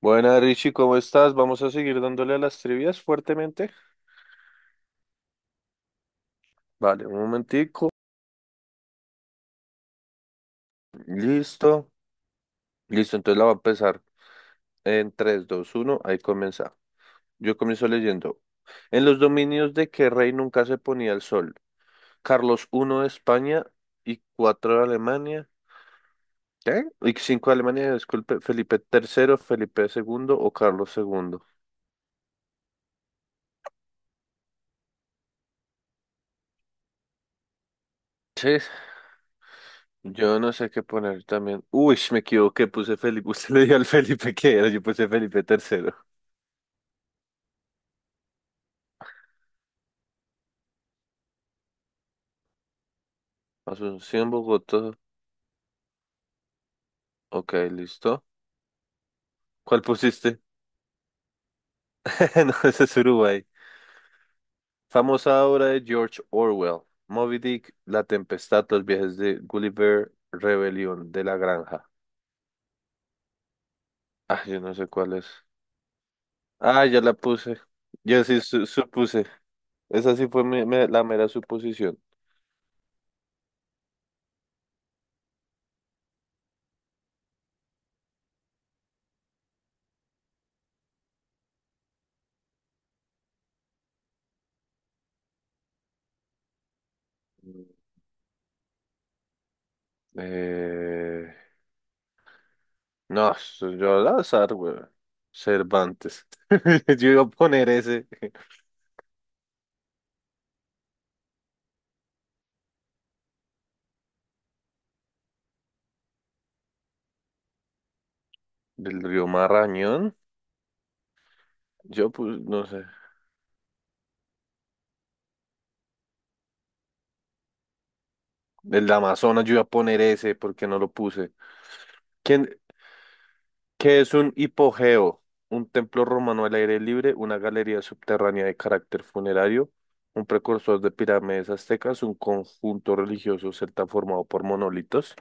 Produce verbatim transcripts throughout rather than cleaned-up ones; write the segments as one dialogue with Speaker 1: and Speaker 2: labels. Speaker 1: Buena, Richie, ¿cómo estás? Vamos a seguir dándole a las trivias fuertemente. Vale, un momentico. Listo. Listo, entonces la va a empezar en tres, dos, uno. Ahí comienza. Yo comienzo leyendo. ¿En los dominios de qué rey nunca se ponía el sol? Carlos primero de España y cuatro de Alemania. ¿Qué? Y cinco de Alemania, disculpe. Felipe tercero, Felipe segundo o Carlos segundo. Sí, yo no sé qué poner también. Uy, me equivoqué, puse Felipe. Usted le dio al Felipe que era, yo puse Felipe tercero. Asunción, Bogotá. Ok, listo. ¿Cuál pusiste? No, ese es Uruguay. Famosa obra de George Orwell. Moby Dick, La Tempestad, Los viajes de Gulliver, Rebelión de la Granja. Ah, yo no sé cuál es. Ah, ya la puse. Yo sí su- supuse. Esa sí fue mi- me- la mera suposición. Mm. Eh, no, eso yo al azar, güey. Cervantes. Yo iba a poner ese. ¿Del río Marrañón? Yo pues no sé. El Amazonas, yo iba a poner ese porque no lo puse. ¿Quién, qué es un hipogeo? Un templo romano al aire libre, una galería subterránea de carácter funerario, un precursor de pirámides aztecas, un conjunto religioso celta formado por monolitos.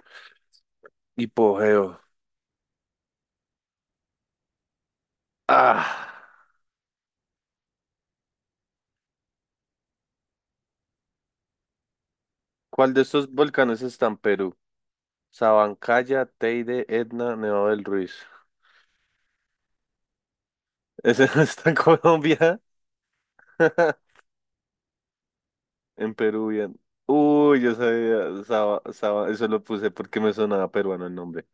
Speaker 1: Hipogeo. Ah, ¿cuál de estos volcanes está en Perú? Sabancaya, Teide, Etna, Nevado del Ruiz. ¿Ese no está en Colombia? En Peruvian. Uy, yo sabía, Saba- Saba- eso lo puse porque me sonaba peruano el nombre.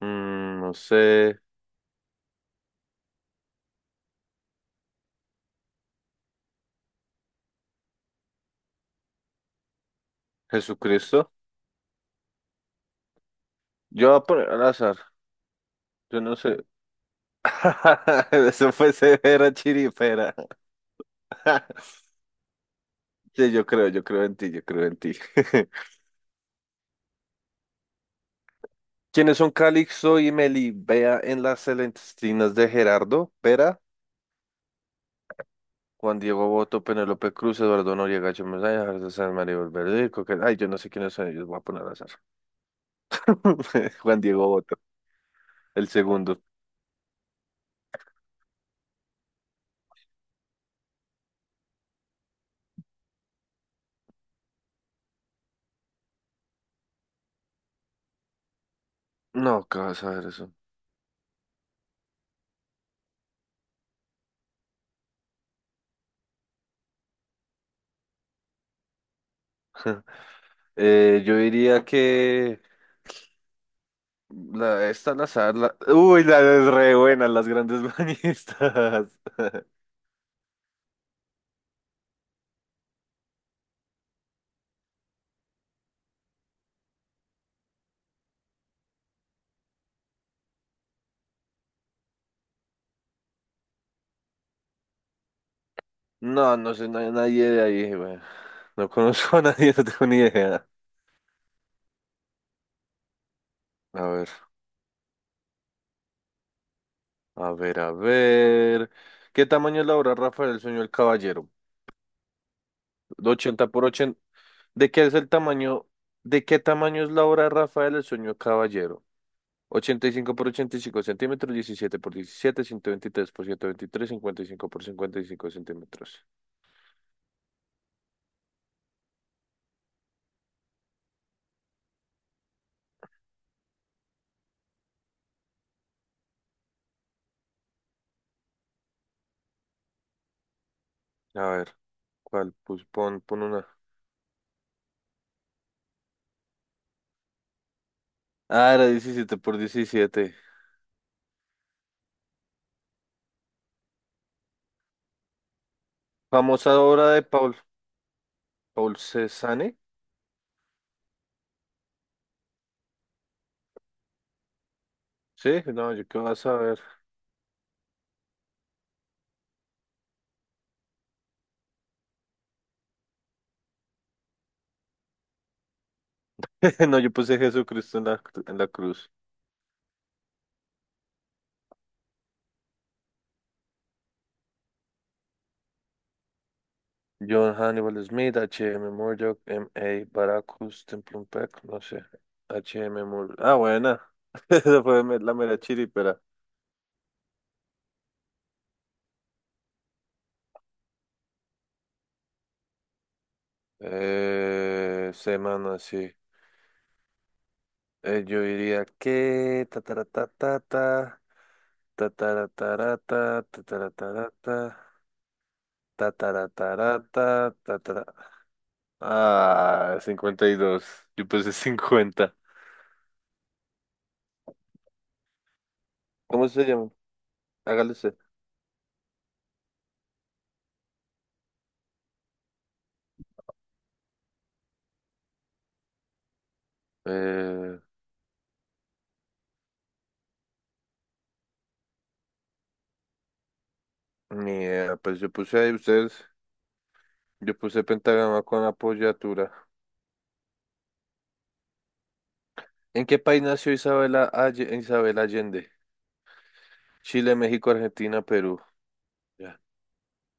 Speaker 1: Mm, no sé, Jesucristo. Yo voy a poner al azar, yo no sé. Eso fue severa chiripera. Sí, yo creo, yo creo en ti, yo creo en ti. ¿Quiénes son Calixto y Melibea en las Celestinas de Gerardo? Pera, Juan Diego Boto, Penélope Cruz, Eduardo Noriega, Chomel Sáenz, Jorge Sanz, Maribel Verdú, Coque- Ay, yo no sé quiénes son ellos, voy a poner al azar. Juan Diego El segundo. No, ¿qué vas a ver eso? Eh, yo diría que la, esta al azar, la, uy, la es re buena, las grandes bañistas. No, no sé, no hay nadie de ahí, güey. No conozco a nadie, no tengo ni idea. A ver, a ver, a ver. ¿Qué tamaño es la obra Rafael Sueño del Caballero? De ochenta por ochenta. ¿De qué es el tamaño? ¿De qué tamaño es la obra Rafael el Sueño del Caballero? Ochenta y cinco por ochenta y cinco centímetros, diecisiete por diecisiete, ciento veintitrés por ciento veintitrés, cincuenta y cinco por cincuenta y cinco centímetros. A ver, ¿cuál? Pues pon, pon una. Ah, era diecisiete por diecisiete. Famosa obra de Paul, Paul, Cézanne. Sí, no, yo qué vas a ver. No, yo puse Jesucristo en la, en la cruz. John Hannibal Smith, H H.M. Murdoch, M A Baracus, Templum Peck, no sé. H M Murdoch. Ah, buena. Esa fue me- la mera chiripera. Eh, semana, sí. Eh, yo diría que ta ta ta ta ta ta ta ta ta ta ta ta ta Ah, cincuenta y dos. Yo puse cincuenta. ¿Cómo se llama? Hágale usted. Eh, ni idea, pues yo puse ahí ustedes. Yo puse pentagrama con apoyatura. ¿En qué país nació Isabela, Alle- Isabel Allende? Chile, México, Argentina, Perú. Ya.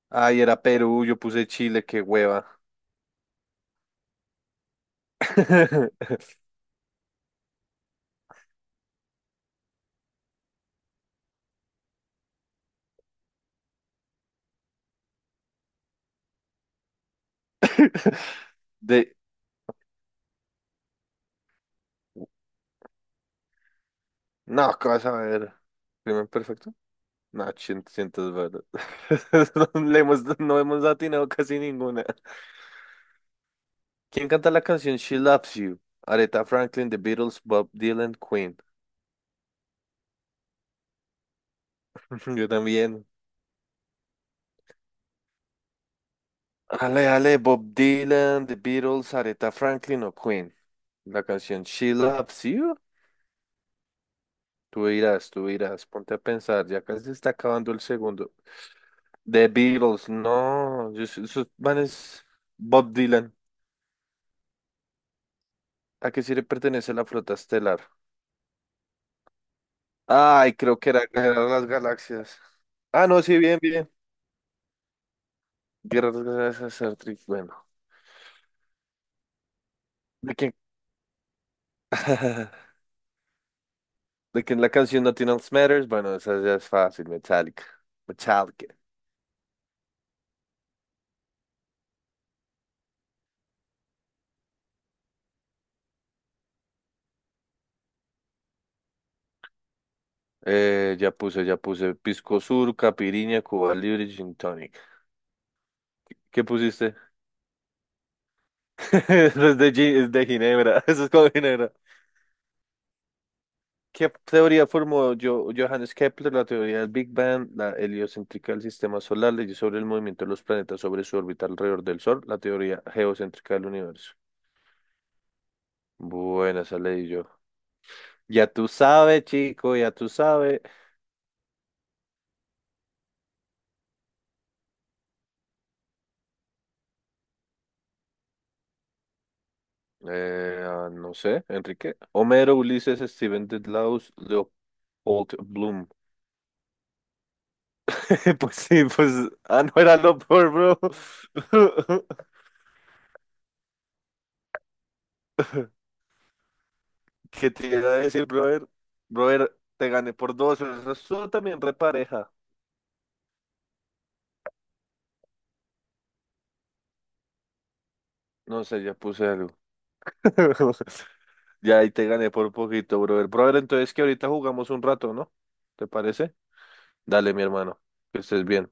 Speaker 1: Ay, era Perú, yo puse Chile, qué hueva. De... No, ¿qué vas a ver? ¿Crimen perfecto? No, siento, siento es verdad. No le hemos, no hemos atinado casi ninguna. ¿Quién canta la canción She Loves You? Aretha Franklin, The Beatles, Bob Dylan, Queen. Yo también. Ale, ale, Bob Dylan, The Beatles, Aretha Franklin o Queen. La canción She Loves You. Tú irás, tú irás, ponte a pensar, ya casi se está acabando el segundo. The Beatles, no, yo- esos manes, Bob Dylan. ¿A qué sí le pertenece la flota estelar? Ay, creo que era Guerra de las Galaxias. Ah, no, sí, bien, bien. Guerra de las Galaxias, Star Trek, bueno. ¿De quién? ¿De quién la canción Nothing Else Matters? Bueno, esa ya es fácil, Metallica. Metallica. Eh, ya puse, ya puse Pisco Sur, Caipirinha, Cuba Libre, Gin Tonic. ¿Qué pusiste? Eso es de, gi- es de Ginebra, eso es con Ginebra. ¿Qué teoría formó Jo- Johannes Kepler? La teoría del Big Bang, la heliocéntrica del sistema solar, leyes sobre el movimiento de los planetas sobre su órbita alrededor del Sol, la teoría geocéntrica del universo. Buena, esa leí yo. Ya tú sabes, chico, ya tú sabes. Eh, ah, no sé, Enrique. Homero, Ulises, Steven Dedalus, Leopold Bloom. Pues sí, pues. Ah, no era lo Leopold, bro. ¿Qué te iba a decir, brother? Brother, te gané por dos, pero eso estuvo también repareja. No sé, ya puse algo. Ya ahí te gané por poquito, brother. Brother, entonces que ahorita jugamos un rato, ¿no? ¿Te parece? Dale, mi hermano. Que estés bien.